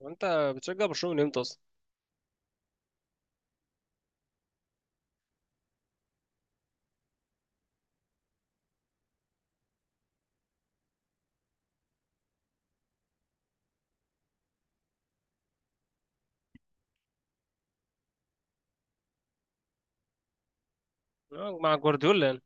وانت بتشجع برشلونه من امتى اصلا؟ مع جوارديولا يعني.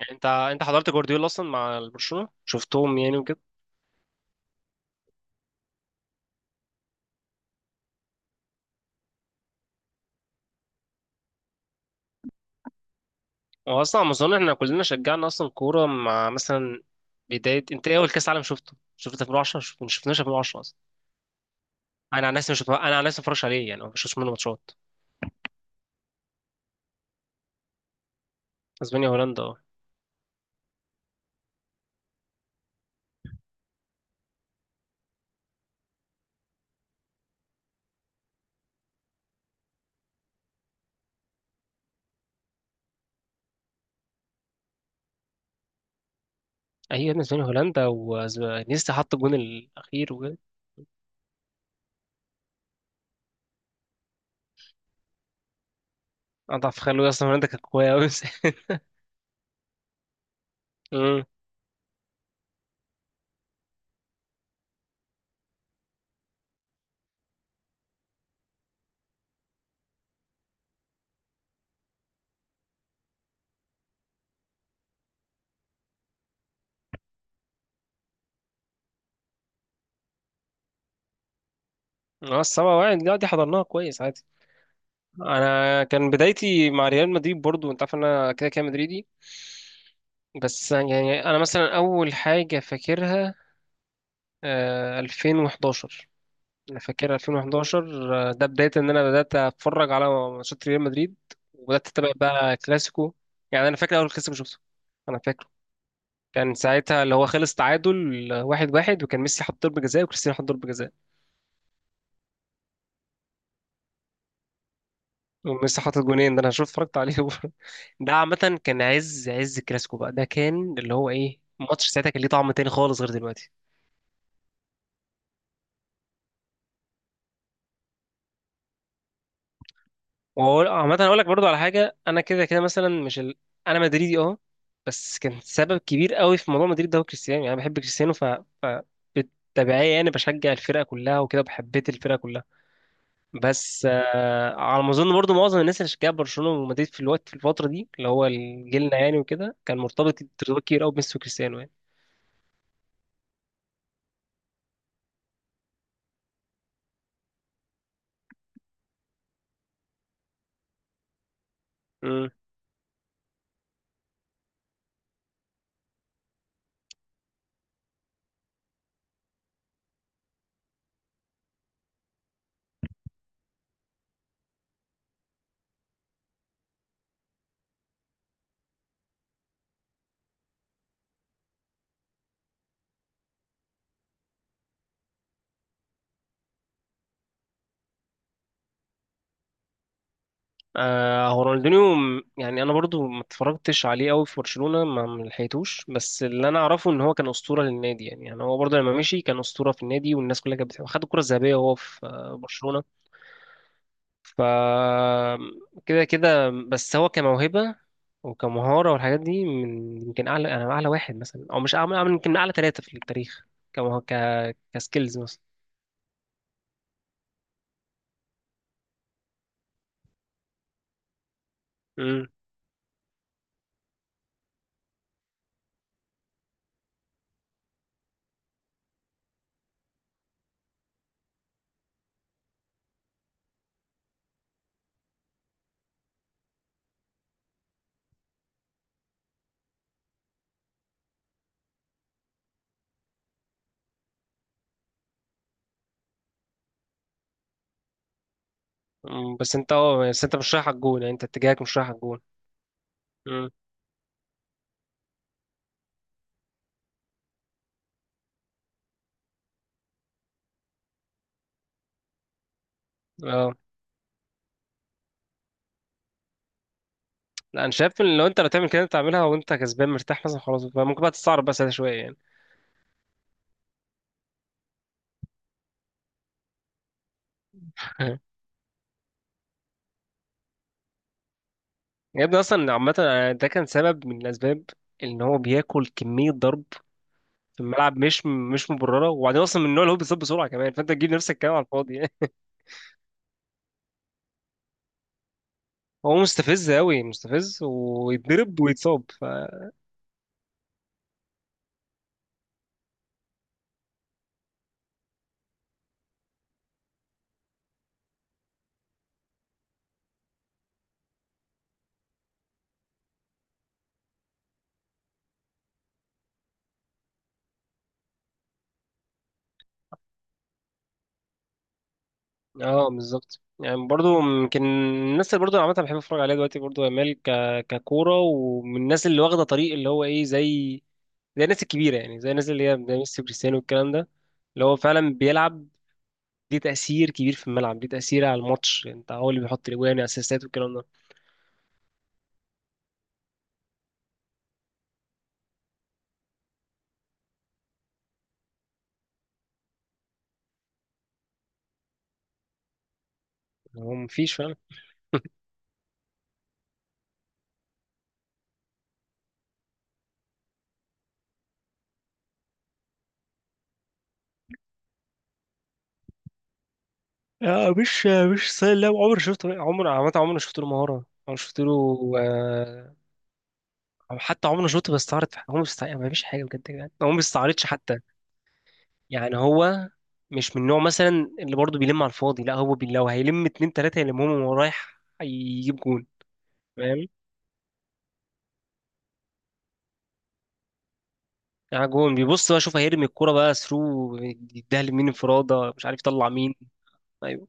يعني انت حضرت جوارديولا اصلا مع برشلونه شفتهم يعني وكده. هو اصلا على ما اظن احنا كلنا شجعنا اصلا كوره مع مثلا بدايه، انت ايه اول كاس عالم شفته 2010، ما شفناش 2010 اصلا. انا عن نفسي مش بتفرج- انا عن نفسي ما بتفرجش عليه يعني، ما بشوفش منه ماتشات. اسبانيا هولندا، اه. ايوه يا ابني، اسبانيا هولندا، ونيستا حط الجون الاخير وكده. اضعف خلوي، اصلا هولندا كانت قويه قوي. امم. اه، السبعة واحد، لا، دي حضرناها كويس. انا كان بدايتي مع ريال مدريد برضو، انت عارف ان انا كده كده مدريدي. بس يعني انا مثلا اول حاجه فاكرها 2011. انا فاكر 2011، ده بدايه ان انا بدات اتفرج على ماتشات ريال مدريد، وبدات اتابع بقى كلاسيكو. يعني انا فاكر اول كلاسيكو شفته، انا فاكره. كان ساعتها اللي هو خلص تعادل واحد واحد، وكان ميسي حط ضربه جزاء وكريستيانو حط ضربه جزاء، وميسي حاطط جونين. ده انا شفت اتفرجت عليه. ده عامة كان عز عز الكلاسيكو بقى، ده كان اللي هو ايه، ماتش ساعتها كان ليه طعم تاني خالص غير دلوقتي. وهو عامة هقول لك برضو على حاجة، انا كده كده مثلا مش ال... انا مدريدي، اه. بس كان سبب كبير قوي في موضوع مدريد ده هو كريستيانو، يعني انا بحب كريستيانو ف... بالتبعية يعني بشجع الفرقة كلها وكده، وبحبيت الفرقة كلها. بس على ما اظن برضو معظم الناس اللي شجعت برشلونة ومدريد في الفترة دي، اللي هو جيلنا يعني وكده، كان مرتبط ارتباط كبير قوي بميسي وكريستيانو. يعني هو رونالدينيو يعني انا برضو ما اتفرجتش عليه قوي في برشلونة، ما لحقتوش، بس اللي انا اعرفه ان هو كان اسطورة للنادي، يعني هو برضو لما مشي كان اسطورة في النادي والناس كلها كانت بتحبه، خد الكرة الذهبية وهو في برشلونة. ف كده كده، بس هو كموهبة وكمهارة والحاجات دي من يمكن اعلى، انا اعلى واحد مثلا، او مش يمكن من اعلى ثلاثة في التاريخ. كمه... ك كسكيلز مثلا. مم. مم. بس انت مش رايح على الجون، يعني انت اتجاهك مش رايح على الجون. مم. اه، لا انا شايف ان لو انت تعمل كده، انت تعملها وانت كسبان مرتاح مثلا، خلاص بقى ممكن بقى تستعرض بقى ساعتها شويه يعني. يا ابني اصلا عامه، أنا ده كان سبب من الاسباب، ان هو بياكل كميه ضرب في الملعب مش مبرره، وبعدين اصلا من النوع اللي هو بيصاب بسرعه كمان، فانت تجيب نفسك كمان على الفاضي يعني. هو مستفز قوي، مستفز، ويتضرب ويتصاب. اه بالظبط، يعني برضو يمكن الناس اللي برضو أنا عامه بحب اتفرج عليها دلوقتي برضو، يامال ككوره، ومن الناس اللي واخده طريق اللي هو ايه، زي الناس الكبيره، يعني زي الناس اللي هي زي ميسي وكريستيانو والكلام ده، اللي هو فعلا بيلعب ليه تاثير كبير في الملعب، ليه تاثير على الماتش، انت هو اللي بيحط الاجوان اسيستات والكلام ده. هو مفيش فعلا. آه مش مش سهل. لا عمري شفته، عمر عامه عمري ما شفت له مهاره، عمري شفت له. آه، او حتى عمري ما شفته بيستعرض في حاجة. هو ما فيش حاجه بجد، يعني هو ما بيستعرضش حتى. يعني هو مش من النوع مثلا اللي برضه بيلم على الفاضي، لا هو لو هيلم اتنين تلاته يلمهم وهو رايح يجيب جون. فاهم؟ يعني جون، بيبص بقى، شوف هيرمي الكوره بقى ثرو، يديها لمين، انفراده، مش عارف يطلع مين. ايوه.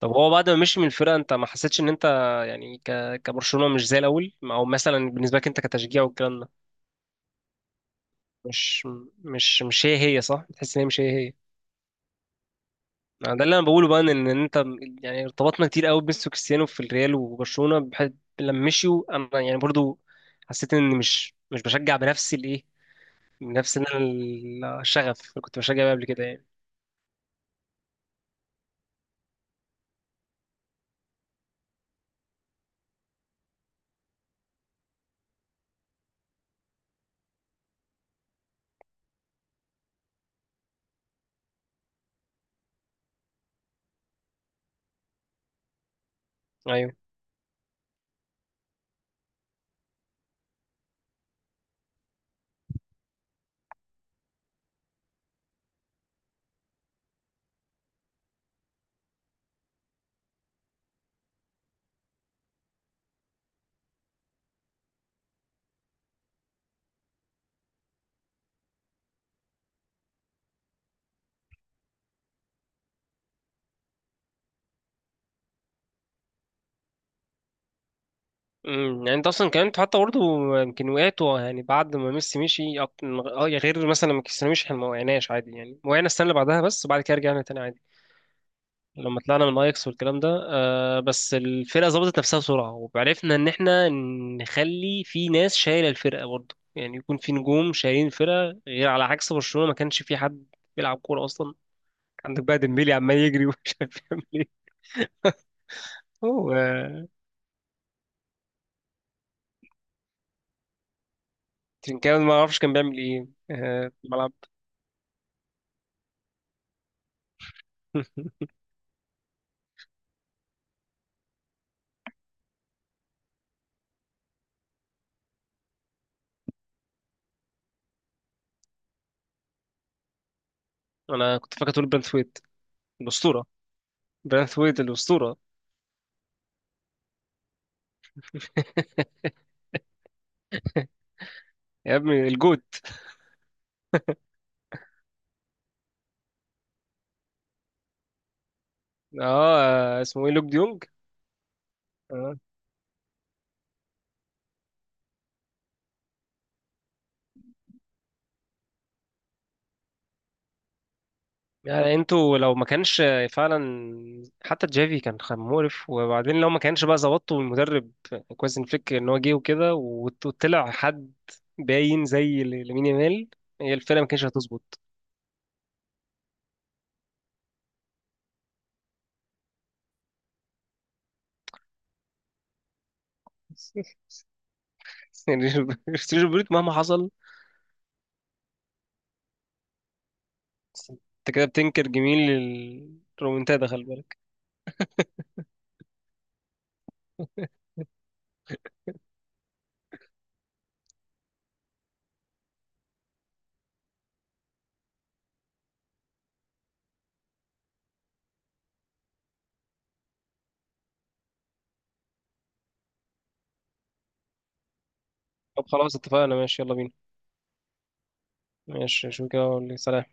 طب هو بعد ما مشي من الفرقه، انت ما حسيتش ان انت يعني كبرشلونه مش زي الاول، او مثلا بالنسبه لك انت كتشجيع والكلام ده، مش مش هي هي؟ صح، تحس ان هي مش هي هي. يعني ده اللي انا بقوله بقى، ان انت يعني، ارتبطنا كتير قوي بميسي وكريستيانو في الريال وبرشلونه، بحيث لما مشيوا انا يعني برضو حسيت ان مش بشجع بنفس الايه، بنفس إن أنا الشغف اللي كنت بشجع بيه قبل كده يعني. ايوه. امم. يعني انت اصلا كمان انت حتى برضه يمكن وقعت يعني بعد ما ميسي مشي، اه يا، غير مثلا لما كريستيانو مشي احنا ما وقعناش عادي يعني، وقعنا السنه اللي بعدها بس، وبعد كده رجعنا تاني عادي لما طلعنا من اياكس والكلام ده، بس الفرقه ظبطت نفسها بسرعه، وعرفنا ان احنا نخلي في ناس شايله الفرقه برضه، يعني يكون في نجوم شايلين الفرقه، غير على عكس برشلونه ما كانش في حد بيلعب كوره اصلا. عندك بقى ديمبيلي عمال يجري ومش عارف يعمل ايه. هو ترينكاوي، ما اعرفش كان بيعمل ايه في الملعب. انا كنت فاكر تقول برانثويت الاسطوره. برانثويت الاسطوره، يا ابني الجوت. اه اسمه ايه، لوك ديونج؟ اه، يعني انتوا لو ما كانش فعلا، حتى جافي كان مقرف، وبعدين لو ما كانش بقى ظبطته المدرب كويس إن فليك ان هو جه وكده وطلع حد باين زي لامين يامال، هي الفرقه ما كانتش هتظبط. يعني سيرجيو بريت مهما حصل. انت كده بتنكر جميل، الرومنتادا، خلي بالك. طب خلاص اتفقنا، ماشي يلا بينا. ماشي، شو كده سلام.